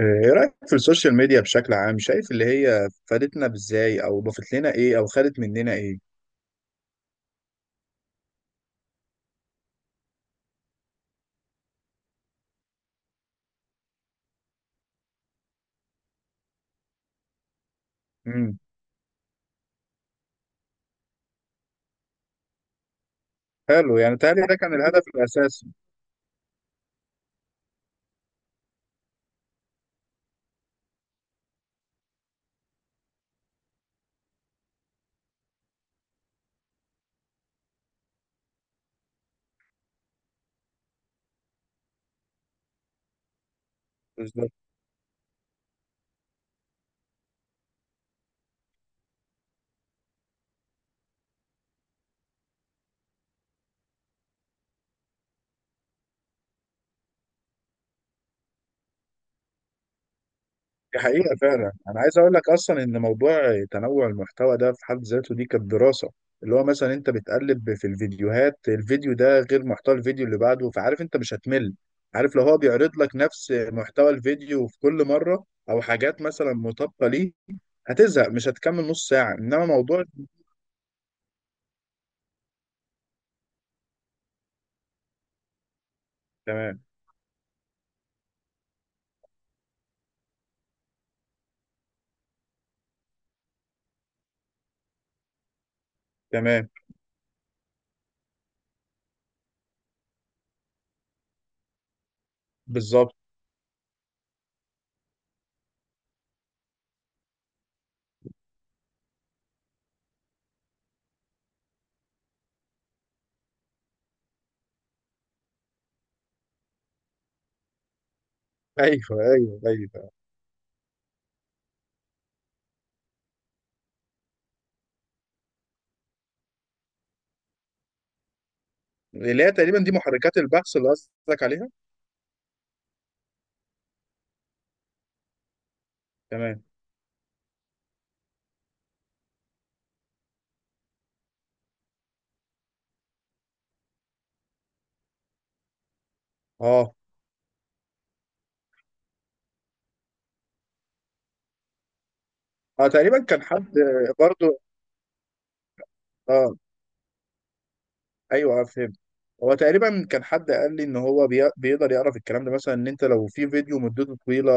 آه، ايه رأيك في السوشيال ميديا بشكل عام؟ شايف اللي هي فادتنا بازاي او ضافت لنا ايه او خدت مننا ايه؟ امم حلو. يعني تهيألي ده كان الهدف الاساسي. بالظبط. دي حقيقة فعلا، انا عايز اقول لك اصلا ان موضوع تنوع المحتوى ده في حد ذاته دي كانت دراسة. اللي هو مثلا انت بتقلب في الفيديوهات، الفيديو ده غير محتوى الفيديو اللي بعده، فعارف انت مش هتمل. عارف لو هو بيعرض لك نفس محتوى الفيديو في كل مرة او حاجات مثلا مطابقة ليه، هتزهق، مش هتكمل نص ساعة، انما موضوع. تمام. تمام. بالظبط. ايوه، ايوه، ايوه. اللي هي تقريبا دي محركات البحث اللي قصدك عليها. تمام. اه، اه، تقريبا كان حد. برضو. اه. ايوه، آه، فهمت. هو تقريبا كان حد قال لي ان هو بيقدر يعرف الكلام ده، مثلا ان انت لو في فيديو مدته طويله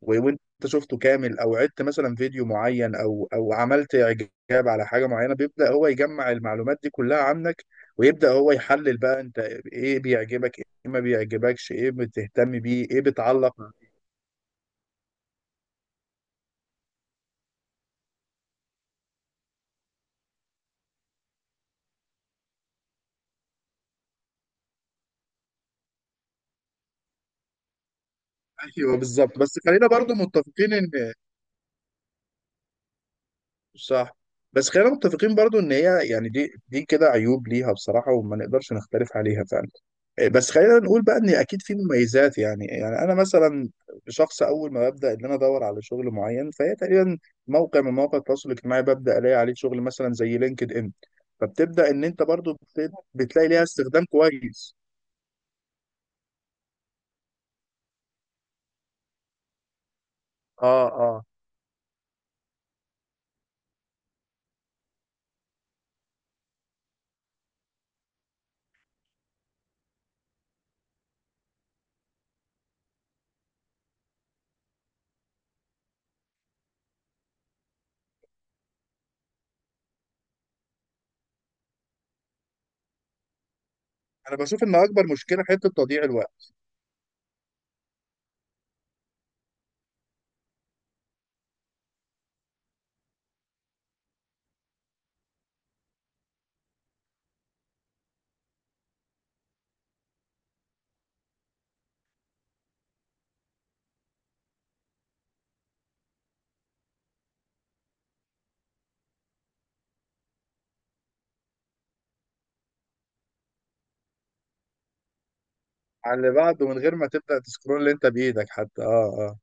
وانت شفته كامل او عدت مثلا فيديو معين او عملت اعجاب على حاجه معينه، بيبدا هو يجمع المعلومات دي كلها عنك، ويبدا هو يحلل بقى انت ايه بيعجبك، ايه ما بيعجبكش، ايه بتهتم بيه، ايه بتعلق. ايوه بالظبط، بس خلينا برضو متفقين ان. صح. بس خلينا متفقين برضو ان هي، يعني دي كده عيوب ليها بصراحه، وما نقدرش نختلف عليها فعلا. إيه، بس خلينا نقول بقى ان اكيد في مميزات، يعني انا مثلا شخص، اول ما ببدا ان انا ادور على شغل معين، فهي تقريبا موقع من مواقع التواصل الاجتماعي، ببدا الاقي عليه شغل، مثلا زي لينكد ان. فبتبدا ان انت برضو بتلاقي ليها استخدام كويس. اه، اه. انا بشوف ان اكبر مشكله حته تضييع الوقت. على اللي بعده، من غير ما تبدأ تسكرول اللي انت بإيدك حتى. اه. اه.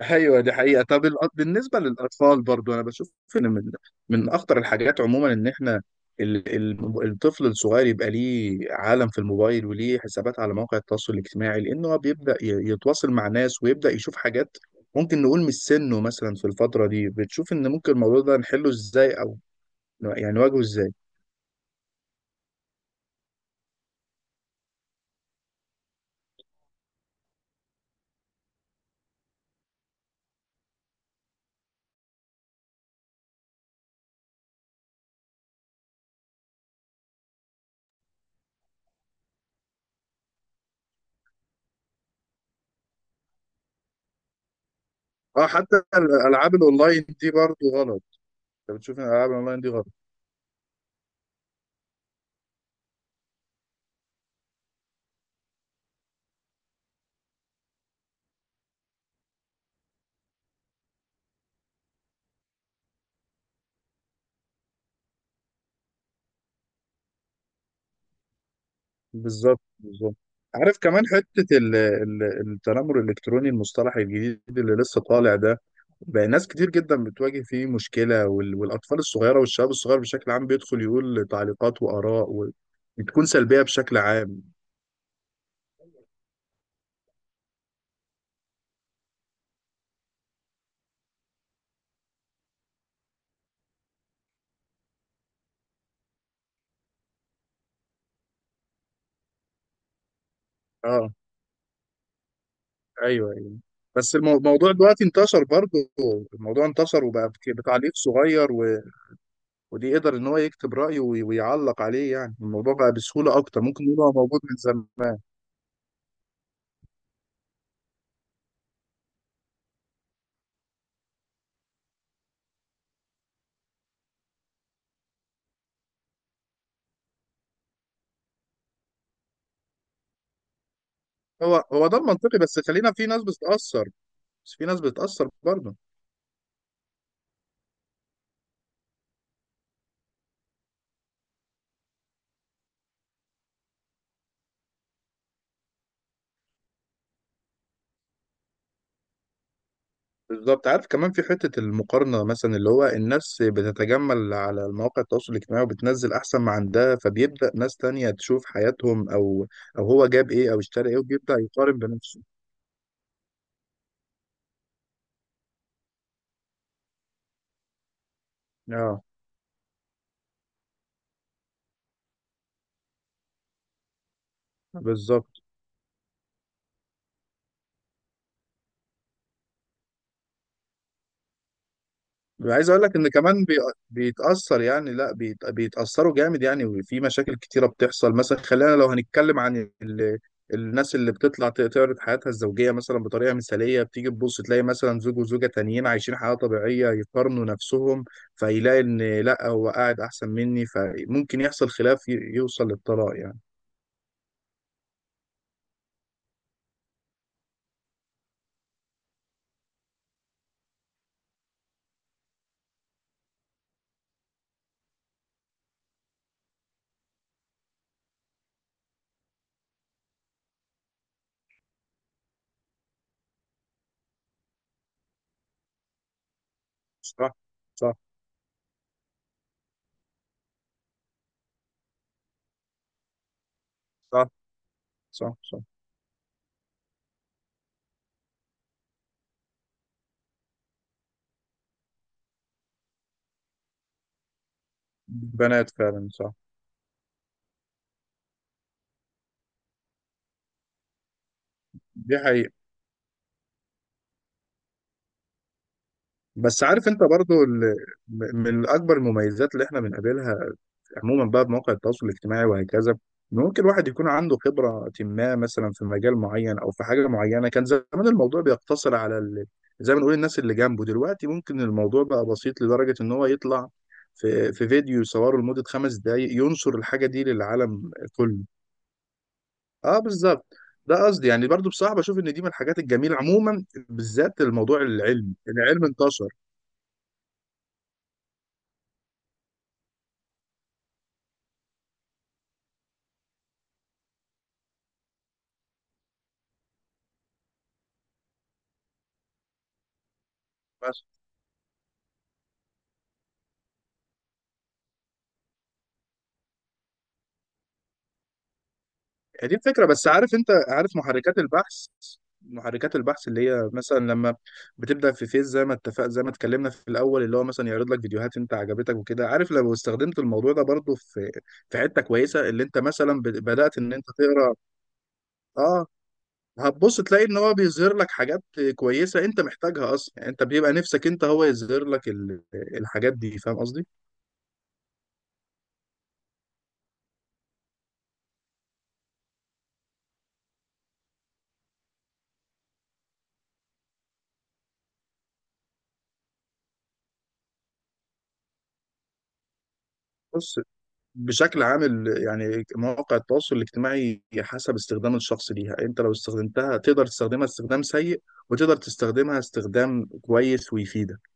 ايوه دي حقيقة. طب بالنسبة للأطفال برضو انا بشوف ان من اخطر الحاجات عموما ان احنا الطفل الصغير يبقى ليه عالم في الموبايل وليه حسابات على مواقع التواصل الاجتماعي، لأنه هو بيبدأ يتواصل مع ناس ويبدأ يشوف حاجات ممكن نقول مش سنه. مثلا في الفترة دي، بتشوف ان ممكن الموضوع ده نحله ازاي، او يعني نواجهه ازاي؟ اه حتى الألعاب الأونلاين دي برضو غلط. انت بتشوف ان الألعاب الأونلاين دي غلط؟ بالظبط، بالظبط. عارف كمان حتة التنمر الإلكتروني، المصطلح الجديد اللي لسه طالع ده، بقى ناس كتير جدا بتواجه فيه مشكلة، والأطفال الصغيرة والشباب الصغير بشكل عام بيدخل يقول تعليقات وآراء بتكون سلبية بشكل عام. اه، ايوه، ايوه. بس الموضوع دلوقتي انتشر برضه. الموضوع انتشر وبقى بتعليق صغير، و... ودي يقدر ان هو يكتب رأيه ويعلق عليه، يعني الموضوع بقى بسهولة اكتر، ممكن يبقى موجود من زمان. هو هو ده المنطقي، بس خلينا، في ناس بتتأثر. بس في ناس بتتأثر برضه. بالظبط. عارف كمان في حتة المقارنة، مثلا اللي هو الناس بتتجمل على مواقع التواصل الاجتماعي وبتنزل أحسن ما عندها، فبيبدأ ناس تانية تشوف حياتهم، أو أو هو جاب إيه أو اشترى إيه، وبيبدأ يقارن بنفسه. اه بالظبط. عايز اقول لك ان كمان بيتاثر، يعني لا بيتاثروا جامد يعني، وفي مشاكل كتيره بتحصل، مثلا خلينا لو هنتكلم عن ال... الناس اللي بتطلع تعرض حياتها الزوجيه مثلا بطريقه مثاليه، بتيجي تبص تلاقي مثلا زوج وزوجه تانيين عايشين حياه طبيعيه يقارنوا نفسهم، فيلاقي ان لا هو قاعد احسن مني، فممكن يحصل خلاف يوصل للطلاق يعني. صح. صح. صح. صح. صح. بنات فعلا، صح. دي حقيقه. بس عارف، انت برضو ال... من اكبر المميزات اللي احنا بنقابلها عموما بقى بمواقع التواصل الاجتماعي وهكذا، ممكن الواحد يكون عنده خبرة ما، مثلا في مجال معين أو في حاجة معينة. كان زمان الموضوع بيقتصر على ال... زي ما نقول الناس اللي جنبه، دلوقتي ممكن الموضوع بقى بسيط لدرجة إن هو يطلع في فيديو يصوره لمدة 5 دقايق ينشر الحاجة دي للعالم كله. اه، بالظبط. ده قصدي. يعني برضو بصراحة بشوف إن دي من الحاجات الجميلة عموما، بالذات الموضوع العلمي، العلم انتشر. هي دي الفكرة. بس عارف، انت عارف محركات البحث؟ محركات البحث اللي هي مثلا لما بتبدأ في فيس، زي ما اتفق، زي ما اتكلمنا في الأول، اللي هو مثلا يعرض لك فيديوهات انت عجبتك وكده، عارف لو استخدمت الموضوع ده برضو في في حتة كويسة، اللي انت مثلا بدأت ان انت تقرا. اه، هتبص تلاقي ان هو بيظهر لك حاجات كويسة انت محتاجها اصلا، يعني انت بيبقى نفسك انت هو يظهر لك الحاجات دي، فاهم قصدي؟ بص، بشكل عام يعني مواقع التواصل الاجتماعي حسب استخدام الشخص ليها، انت لو استخدمتها تقدر تستخدمها استخدام سيء، وتقدر تستخدمها استخدام كويس ويفيدك.